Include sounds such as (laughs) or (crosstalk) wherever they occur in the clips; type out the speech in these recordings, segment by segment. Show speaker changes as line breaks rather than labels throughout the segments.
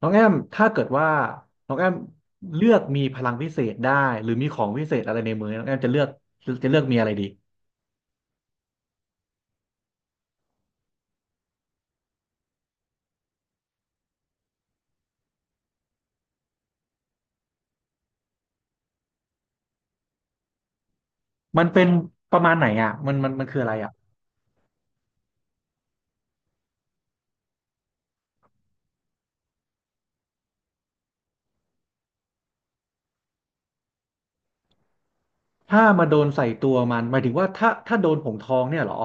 น้องแอมถ้าเกิดว่าน้องแอมเลือกมีพลังพิเศษได้หรือมีของพิเศษอะไรในมือน้องแอมจะเลือกจะเลือกมีอะไรดี มันเป็นประมาณไหนอ่ะมันมันคืออะไรอ่ะถ้ามาโดนใส่ตัวมันหมายถึงว่าถ้าโดนผงทองเนี่ยเหรอ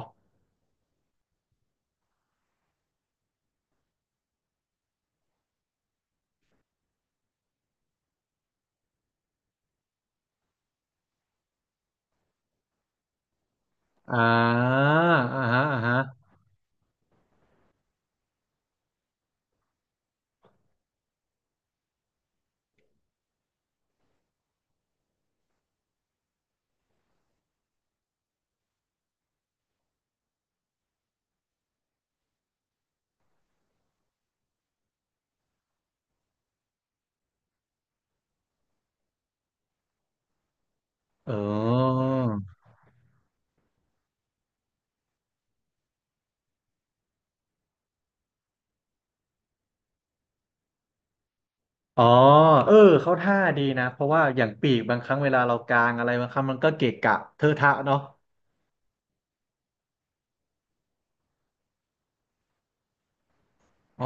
อ่าอ่าฮะอ่าฮะเอออ๋อเออเขาท่าดีนะเพราะว่าอย่างปีกบางครั้งเวลาเรากางอะไรบางครั้งมันก็เกะกะเทอะทะเนาะ อ๋อ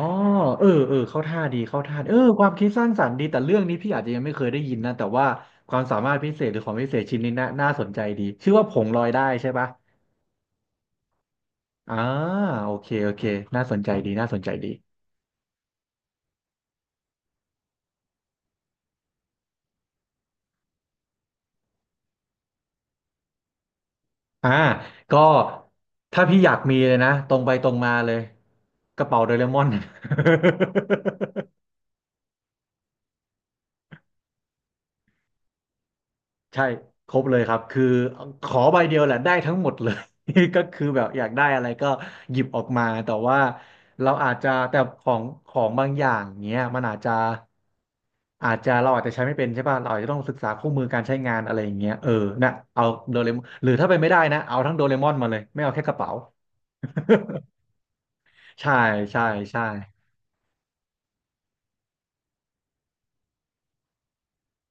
เออเออเข้าท่าดีเข้าท่าดีเออความคิดสร้างสรรค์ดีแต่เรื่องนี้พี่อาจจะยังไม่เคยได้ยินนะ แต่ว่าความสามารถพิเศษหรือของพิเศษชิ้นนี้น่าสนใจดีชื่อว่าผงลอยได้ใช่ปะอ่าโอเคโอเคน่าสนใจดีน่าสนใจดีอ่าก็ถ้าพี่อยากมีเลยนะตรงไปตรงมาเลยกระเป๋าโดเรมอน (laughs) ใช่ครบเลยครับคือขอใบเดียวแหละได้ทั้งหมดเลย (laughs) ก็คือแบบอยากได้อะไรก็หยิบออกมาแต่ว่าเราอาจจะแต่ของบางอย่างเนี้ยมันอาจจะอาจจะเราอาจจะใช้ไม่เป็นใช่ป่ะเราอาจจะต้องศึกษาคู่มือการใช้งานอะไรอย่างเงี้ยเออนะเอาโดเรมอนหรือถ้าเป็นไม่ได้นะเอาทั้งโดเรมอนมาเลยไม่เอาแค่กระเป๋า (laughs) ใช่ใช่ใช่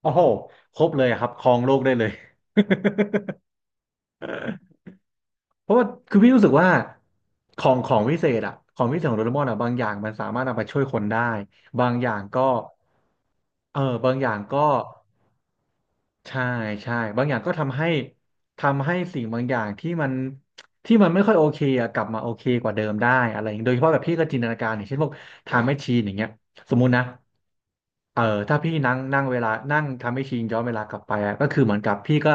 โอ้โหครบเลยครับครองโลกได้เลย (laughs) เพราะว่าคือพี่รู้สึกว่าของวิเศษอะของวิเศษของโดเรมอนอะบางอย่างมันสามารถนำไปช่วยคนได้บางอย่างก็เออบางอย่างก็ใช่ใช่บางอย่างก็ทำให้สิ่งบางอย่างที่มันที่มันไม่ค่อยโอเคอะกลับมาโอเคกว่าเดิมได้อะไรอย่างเงี้ยโดยเฉพาะแบบพี่ก็จินตนาการอย่างเช่นพวกไทม์แมชชีนอย่างเงี้ยสมมุตินะ เออถ้าพี่นั่งนั่งเวลานั่งทำให้ชินย้อนเวลากลับไปอะก็คือเหมือนกับพี่ก็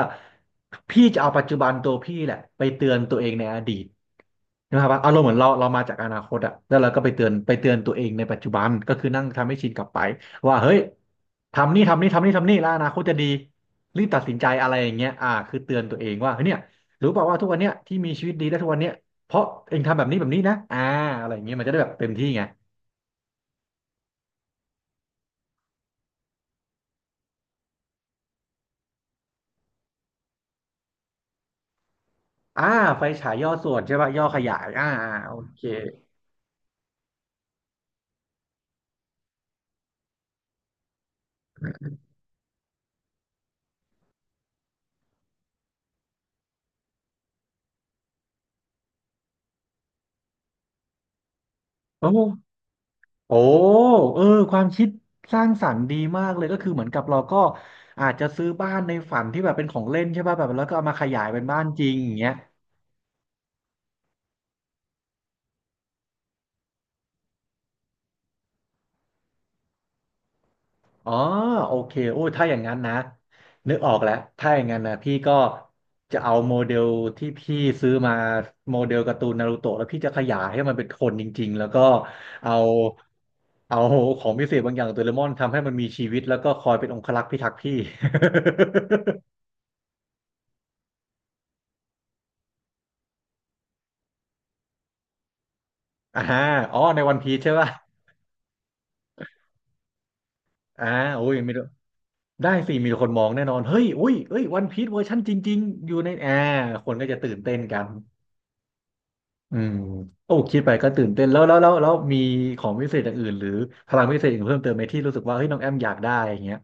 พี่จะเอาปัจจุบันตัวพี่แหละไปเตือนตัวเองในอดีตนะครับอารมณ์เหมือนเรามาจากอนาคตอะแล้วเราก็ไปเตือนตัวเองในปัจจุบันก็คือนั่งทำให้ชินกลับไปว่าเฮ้ยทำนี่ทำนี่แล้วอนาคตจะดีรีบตัดสินใจอะไรอย่างเงี้ยอ่าคือเตือนตัวเองว่าเฮ้ยเนี่ยรู้เปล่าว่าทุกวันเนี้ยที่มีชีวิตดีได้ทุกวันเนี้ยเพราะเองทำแบบนี้นะอ่าอะไรอย่างเงี้ยมันจะได้แบบเต็มที่ไง อ่าไฟฉายย่อส่วนใช่ป่ะย่อขยายอ่าอ่าโอเคโอ้โอ้เออความคิดสร้างสรรค์ดีมากเลยก็คือเหมือนกับเราก็อาจจะซื้อบ้านในฝันที่แบบเป็นของเล่นใช่ป่ะแบบแล้วก็เอามาขยายเป็นบ้านจริงอย่างเงี้ย อ๋อโอเคโอ้ยถ้าอย่างนั้นนะนึกออกแล้วถ้าอย่างนั้นนะพี่ก็จะเอาโมเดลที่พี่ซื้อมาโมเดลการ์ตูนนารูโตะแล้วพี่จะขยายให้มันเป็นคนจริงๆแล้วก็เอาเอาของพิเศษบางอย่างของโดเรมอนทำให้มันมีชีวิตแล้วก็คอยเป็นองครักษ์พิทักษ์พี่ (laughs) อ่าอ๋อในวันพีชใช่ป่ะอ่าโอ้ยมีได้สิมีคนมองแน่นอนเฮ้ยอุ้ยเอ้ยวันพีชเวอร์ชันจริงๆอยู่ในแอร์คนก็จะตื่นเต้นกัน อืมโอ้คิดไปก็ตื่นเต้นแล้วมีของพิเศษอย่างอื่นหรือพลังพิเศษอื่นเพิ่มเติมไหมที่รู้สึกว่าเฮ้ยน้องแอมอยากได้อย่างเงี้ย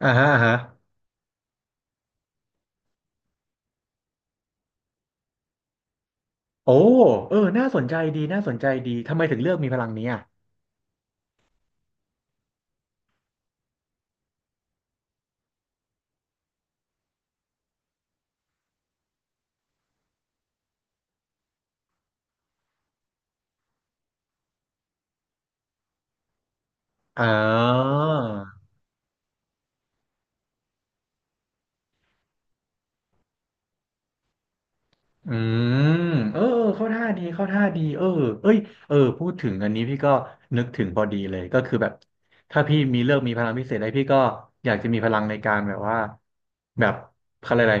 อ่าฮะอ่าฮะโอ้เออน่าสนใจดีน่าสนใจดีทำไมถึงเลือกมีพลังนี้อ่ะอ๋อ อืมเออเข้าท่าดีเข้าท่าดีเออเอ้ยเออพูดถึงอันนี้พี่ก็นึกถึงพอดีเลยก็คือแบบถ้าพี่มีเลือกมีพลังพิเศษอะไรพี่ก็อยากจะมีพลังในการแบบว่าแบบเขาเรียกอะไร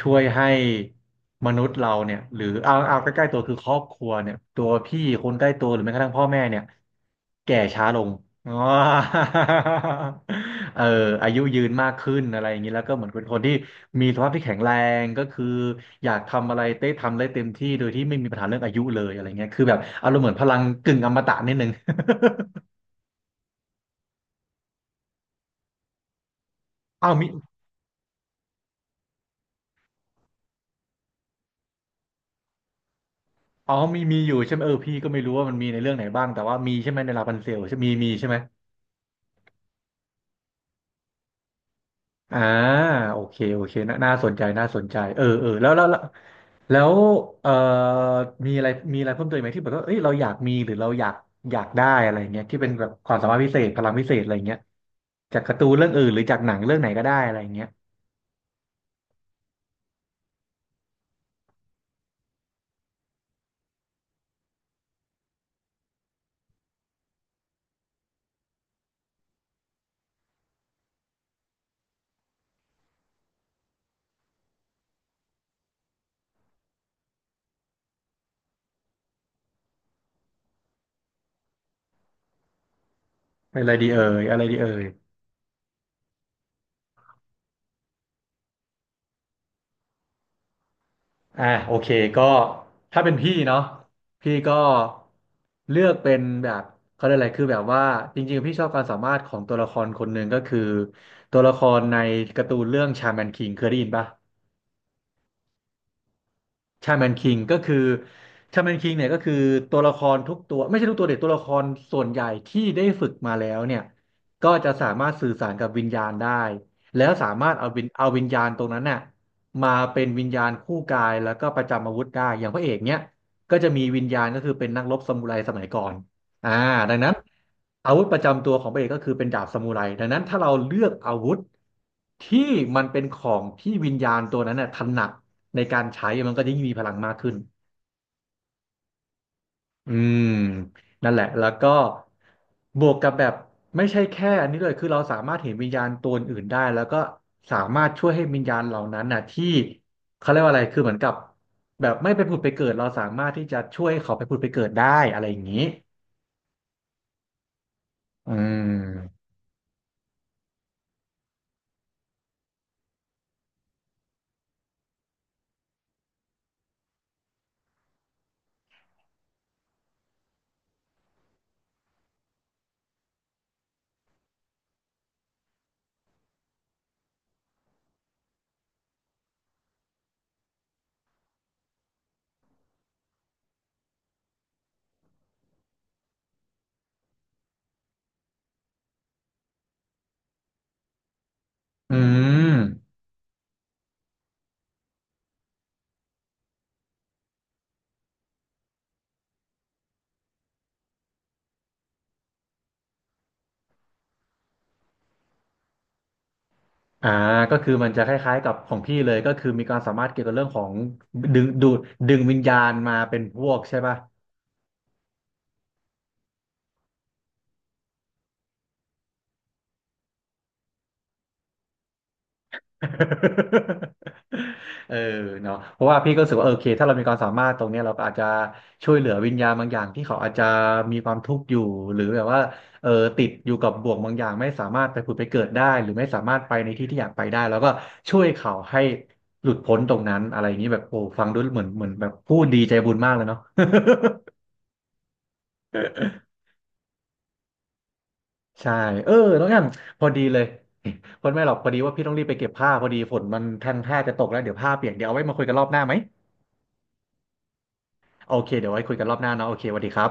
ช่วยให้มนุษย์เราเนี่ยหรือเอาใกล้ๆตัวคือครอบครัวเนี่ยตัวพี่คนใกล้ตัวหรือแม้กระทั่งพ่อแม่เนี่ยแก่ช้าลง (laughs) อ๋อ (laughs) เอออายุยืนมากขึ้นอะไรอย่างนี้แล้วก็เหมือนเป็นคนที่ มีสภาพที่แข็งแรงก็คืออยากทำอะไรเต้ทำได้เต็มที่โดยที่ไม่มีปัญหาเรื่องอายุเลยอะไรเงี้ยคือแบบอารมณ์เหมือนพลังกึ่งอมตะนิดนึง (laughs) อ้าวมีอ๋อมีอยู่ใช่ไหมเออพี่ก็ไม่รู้ว่ามันมีในเรื่องไหนบ้างแต่ว่ามีใช่ไหมในลาพันเซลใช่มีใช่ไหมอ่าโอเคโอเคน่าสนใจน่าสนใจเออเออแล้วเอ่อมีอะไรเพิ่มเติมไหมที่แบบว่าเอ้ยเราอยากมีหรือเราอยากได้อะไรเงี้ยที่เป็นแบบความสามารถพิเศษพลังพิเศษอะไรเงี้ยจากการ์ตูนเรื่องอื่นหรือจากหนังเรื่องไหนก็ได้อะไรเงี้ย อะไรดีเอ่ยอะไรดีเอ่ยอ่ะโอเคก็ถ้าเป็นพี่เนาะพี่ก็เลือกเป็นแบบเขาเรียกอะไรคือแบบว่าจริงๆพี่ชอบความสามารถของตัวละครคนหนึ่งก็คือตัวละครในการ์ตูนเรื่องชาแมนคิงเคยได้ยินปะ ชาแมนคิงก็คือชาแมนคิงเนี่ยก็คือตัวละครทุกตัวไม่ใช่ทุกตัวเด็กตัวละครส่วนใหญ่ที่ได้ฝึกมาแล้วเนี่ยก็จะสามารถสื่อสารกับวิญญาณได้แล้วสามารถเอาวิญญาณตรงนั้นน่ะมาเป็นวิญญาณคู่กายแล้วก็ประจำอาวุธได้อย่างพระเอกเนี่ยก็จะมีวิญญาณก็คือเป็นนักรบซามูไรสมัยก่อนอ่าดังนั้นอาวุธประจำตัวของพระเอกก็คือเป็นดาบซามูไรดังนั้นถ้าเราเลือกอาวุธที่มันเป็นของที่วิญญาณตัวนั้นน่ะถนัด ในการใช้มันก็จะยิ่งมีพลังมากขึ้นอืมนั่นแหละแล้วก็บวกกับแบบไม่ใช่แค่อันนี้เลยคือเราสามารถเห็นวิญญาณตัวอื่นได้แล้วก็สามารถช่วยให้วิญญาณเหล่านั้นน่ะที่เขาเรียกว่าอะไรคือเหมือนกับแบบไม่ไปผุดไปเกิดเราสามารถที่จะช่วยเขาไปผุดไปเกิดได้อะไรอย่างนี้อืมอืมอ่าก็คือมันจะคล้ายๆกับของพี่เลยก็คือมีความสามารถเกี่ยวกับเรื่องของดึงดูดวิญญาณมาเป็นพวกใช่ป่ะ (laughs) เออเนาะเพราะว่าพี่ก็รู้สึกว่าเออโอเคถ้าเรามีความสามารถตรงเนี้ยเราก็อาจจะช่วยเหลือวิญญาณบางอย่างที่เขาอาจจะมีความทุกข์อยู่หรือแบบว่าเออติดอยู่กับบ่วงบางอย่างไม่สามารถไปผุดไปเกิดได้หรือไม่สามารถไปในที่ที่อยากไปได้แล้วก็ช่วยเขาให้หลุดพ้นตรงนั้นอะไรอย่างนี้แบบโอ้ฟังดูเหมือนแบบ (laughs) พูดดีใจบุญมากเลยเนาะ (laughs) ใช่เออน้องแอมพอดีเลย (laughs) พอดีไม่หรอกพอดีว่าพี่ต้องรีบไปเก็บผ้าพอดีฝนมันทันท่าจะตกแล้วเดี๋ยวผ้าเปียกเดี๋ยวเอาไว้มาคุยกันรอบหน้าไหม โอเคเดี๋ยวไว้คุยกันรอบหน้าเนาะโอเคสวัสดีครับ